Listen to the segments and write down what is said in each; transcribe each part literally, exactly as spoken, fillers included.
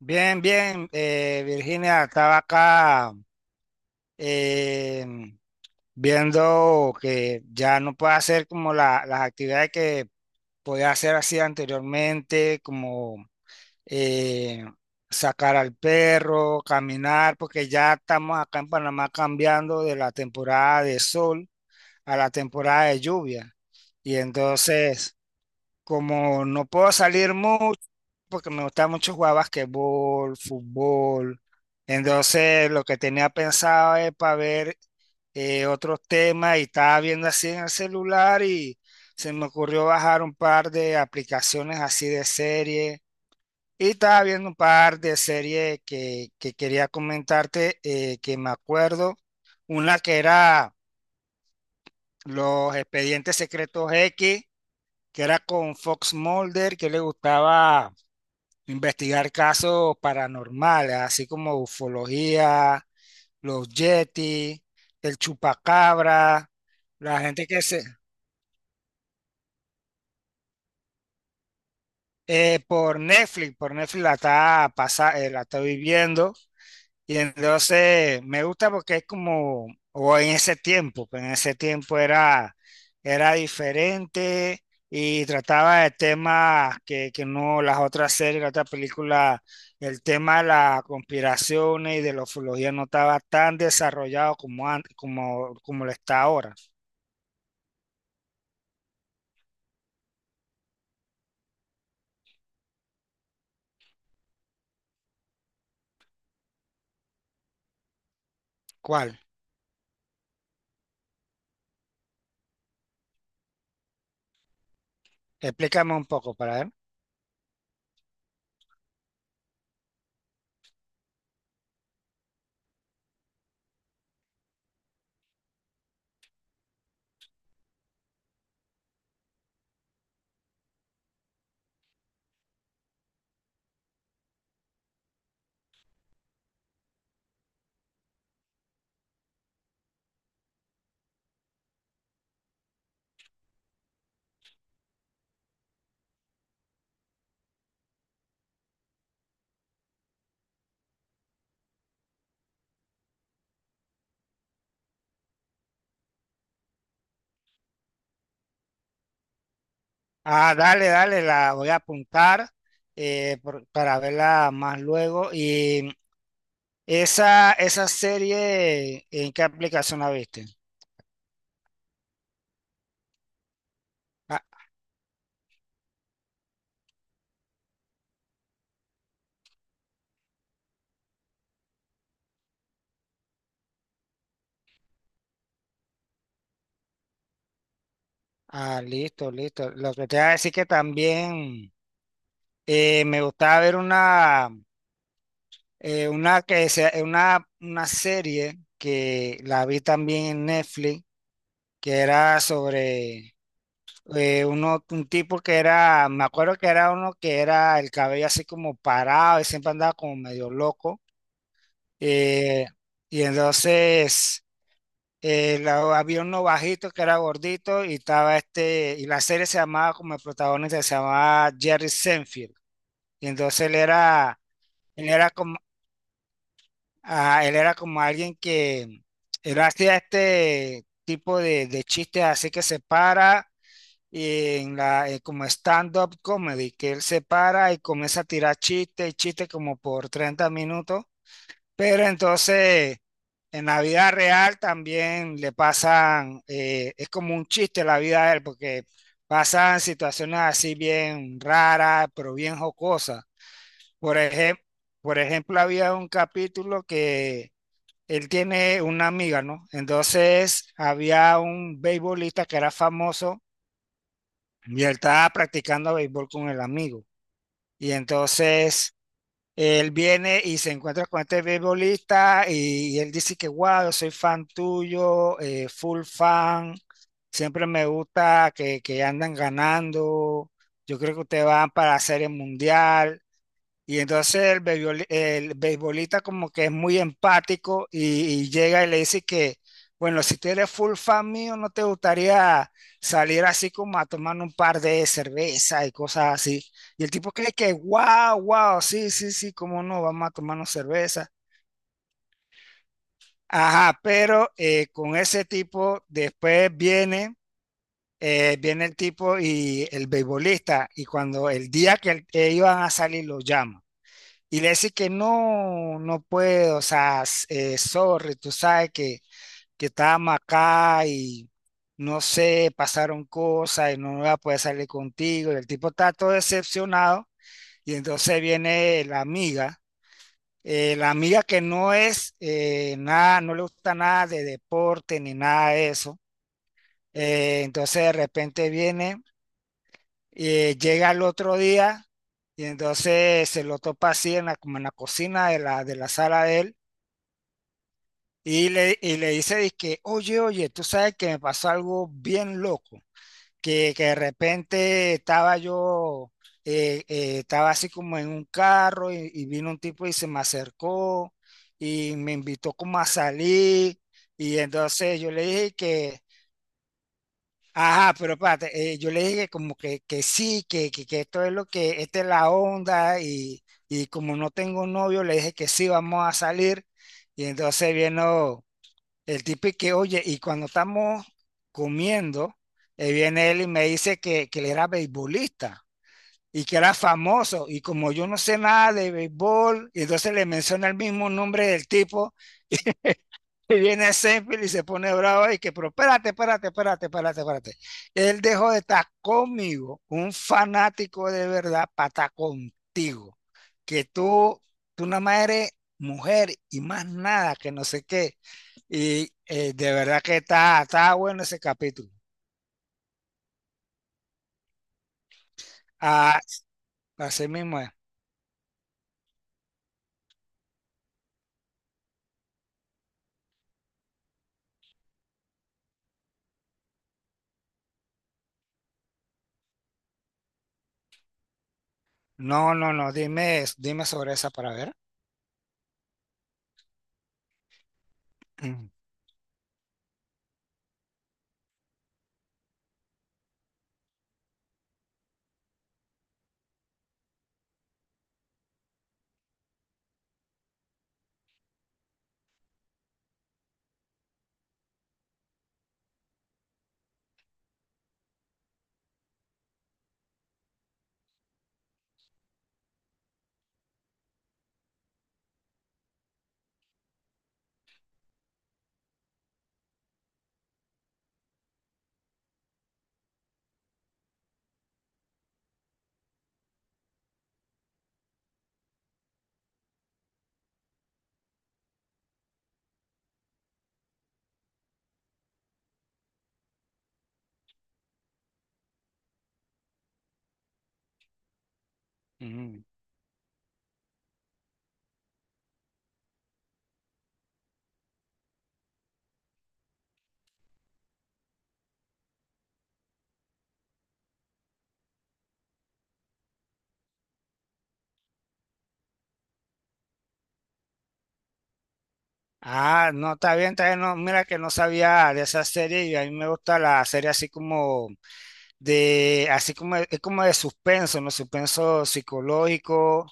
Bien, bien, eh, Virginia, estaba acá eh, viendo que ya no puedo hacer como la- las actividades que podía hacer así anteriormente, como eh, sacar al perro, caminar, porque ya estamos acá en Panamá cambiando de la temporada de sol a la temporada de lluvia. Y entonces... Como no puedo salir mucho, porque me gusta mucho jugar basquetbol, fútbol. Entonces, lo que tenía pensado es para ver eh, otros temas, y estaba viendo así en el celular y se me ocurrió bajar un par de aplicaciones así de serie. Y estaba viendo un par de series que, que quería comentarte, eh, que me acuerdo. Una que era Los Expedientes Secretos X, que era con Fox Mulder, que le gustaba investigar casos paranormales, así como ufología, los Yeti, el chupacabra, la gente que se... Eh, por Netflix, por Netflix la está, pasa- eh, la está viviendo. Y entonces me gusta porque es como, o en ese tiempo, pues en ese tiempo era, era diferente y trataba de temas que, que no, las otras series, las otras películas, el tema de las conspiraciones y de la ufología no estaba tan desarrollado como, an- como, como lo está ahora. ¿Cuál? Explícame un poco para ver. Ah, dale, dale, la voy a apuntar eh, por- para verla más luego. Y Esa, esa serie, ¿en qué aplicación la viste? Ah, ah, listo, listo. Lo que te iba a decir que también eh, me gustaba ver una, eh, una, que se- una, una serie que la vi también en Netflix, que era sobre eh, uno, un tipo que era, me acuerdo que era uno que era el cabello así como parado y siempre andaba como medio loco. eh, y entonces... Eh, la- había uno bajito que era gordito y estaba este, y la serie se llamaba como el protagonista, se llamaba Jerry Seinfeld. Y entonces él era, él era como, ah, él era como alguien que, él hacía este tipo de, de chistes así, que se para y en la, eh, como stand-up comedy, que él se para y comienza a tirar chistes y chistes como por treinta minutos. Pero entonces, en la vida real también le pasan, eh, es como un chiste la vida de él, porque pasan situaciones así bien raras, pero bien jocosas. Por ejemplo, por ejemplo, había un capítulo que él tiene una amiga, ¿no? Entonces, había un beisbolista que era famoso y él estaba practicando béisbol con el amigo. Y entonces él viene y se encuentra con este beisbolista y, y él dice que, wow, yo soy fan tuyo, eh, full fan, siempre me gusta que, que andan ganando, yo creo que ustedes van para la Serie Mundial. Y entonces el, beisboli- el beisbolista, como que es muy empático y, y llega y le dice que, bueno, si tú eres full fan mío, ¿no te gustaría salir así como a tomar un par de cerveza y cosas así? Y el tipo cree que, wow, wow, sí, sí, sí, cómo no, vamos a tomarnos cerveza. Ajá, pero eh, con ese tipo después viene, eh, viene el tipo y el beisbolista, y cuando el día que el- ellos van a salir lo llama. Y le dice que no, no puedo, o sea, s- eh, sorry, tú sabes que, que estábamos acá y no sé, pasaron cosas y no voy a poder salir contigo. Y el tipo está todo decepcionado y entonces viene la amiga, eh, la amiga que no es eh, nada, no le gusta nada de deporte ni nada de eso. Eh, entonces de repente viene, eh, llega el otro día y entonces se lo topa así en la, como en la cocina de la, de la sala de él. Y le, y le dice, dizque, oye, oye, tú sabes que me pasó algo bien loco, que, que de repente estaba yo, eh, eh, estaba así como en un carro y, y vino un tipo y se me acercó y me invitó como a salir y entonces yo le dije que, ajá, pero espérate, eh, yo le dije que como que, que sí, que, que, que esto es lo que, esta es la onda y, y como no tengo novio, le dije que sí, vamos a salir y entonces vino... El tipo y que, oye, y cuando estamos comiendo, eh, viene él y me dice que, que él era beisbolista y que era famoso. Y como yo no sé nada de béisbol, y entonces le menciona el mismo nombre del tipo, y viene Seinfeld y se pone bravo y que, pero espérate, espérate, espérate, espérate, espérate. Él dejó de estar conmigo, un fanático de verdad, para estar contigo. Que tú, tú nada más eres mujer y más nada, que no sé qué. Y eh, de verdad que está, está bueno ese capítulo. Ah, así mismo es. No, no, no, dime, dime sobre esa para ver. Ujú, ujú. Ah, no, está bien, está bien. No, mira que no sabía de esa serie y a mí me gusta la serie así como de, así como, es como de suspenso, ¿no? Suspenso psicológico.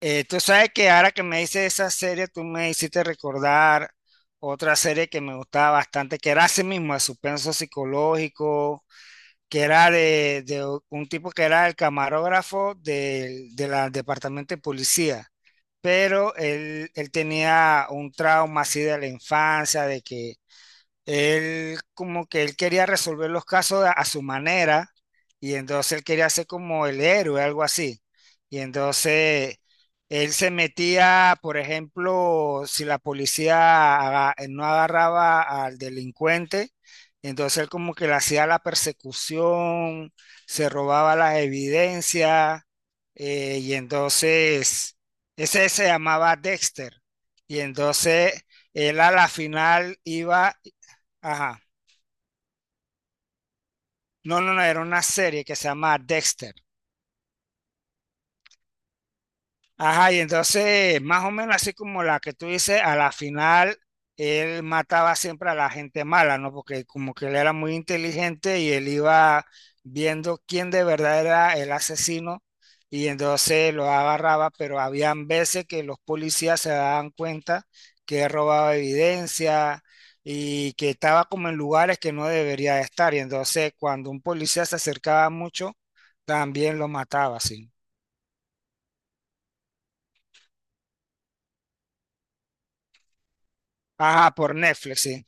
Eh, tú sabes que ahora que me hice esa serie, tú me hiciste recordar otra serie que me gustaba bastante, que era así mismo, de suspenso psicológico, que era de, de un tipo que era el camarógrafo del, de la departamento de policía, pero él, él tenía un trauma así de la infancia, de que él como que él quería resolver los casos a, a su manera y entonces él quería ser como el héroe, algo así. Y entonces él se metía, por ejemplo, si la policía aga- no agarraba al delincuente, entonces él como que le hacía la persecución, se robaba las evidencias, eh, y entonces ese se llamaba Dexter. Y entonces él a la final iba. Ajá. No, no, no, era una serie que se llama Dexter. Ajá, y entonces, más o menos así como la que tú dices, a la final él mataba siempre a la gente mala, ¿no? Porque como que él era muy inteligente y él iba viendo quién de verdad era el asesino y entonces lo agarraba, pero habían veces que los policías se daban cuenta que él robaba evidencia y que estaba como en lugares que no debería de estar y entonces cuando un policía se acercaba mucho, también lo mataba, sí. Ajá, por Netflix, sí.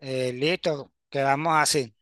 Eh, listo, quedamos así.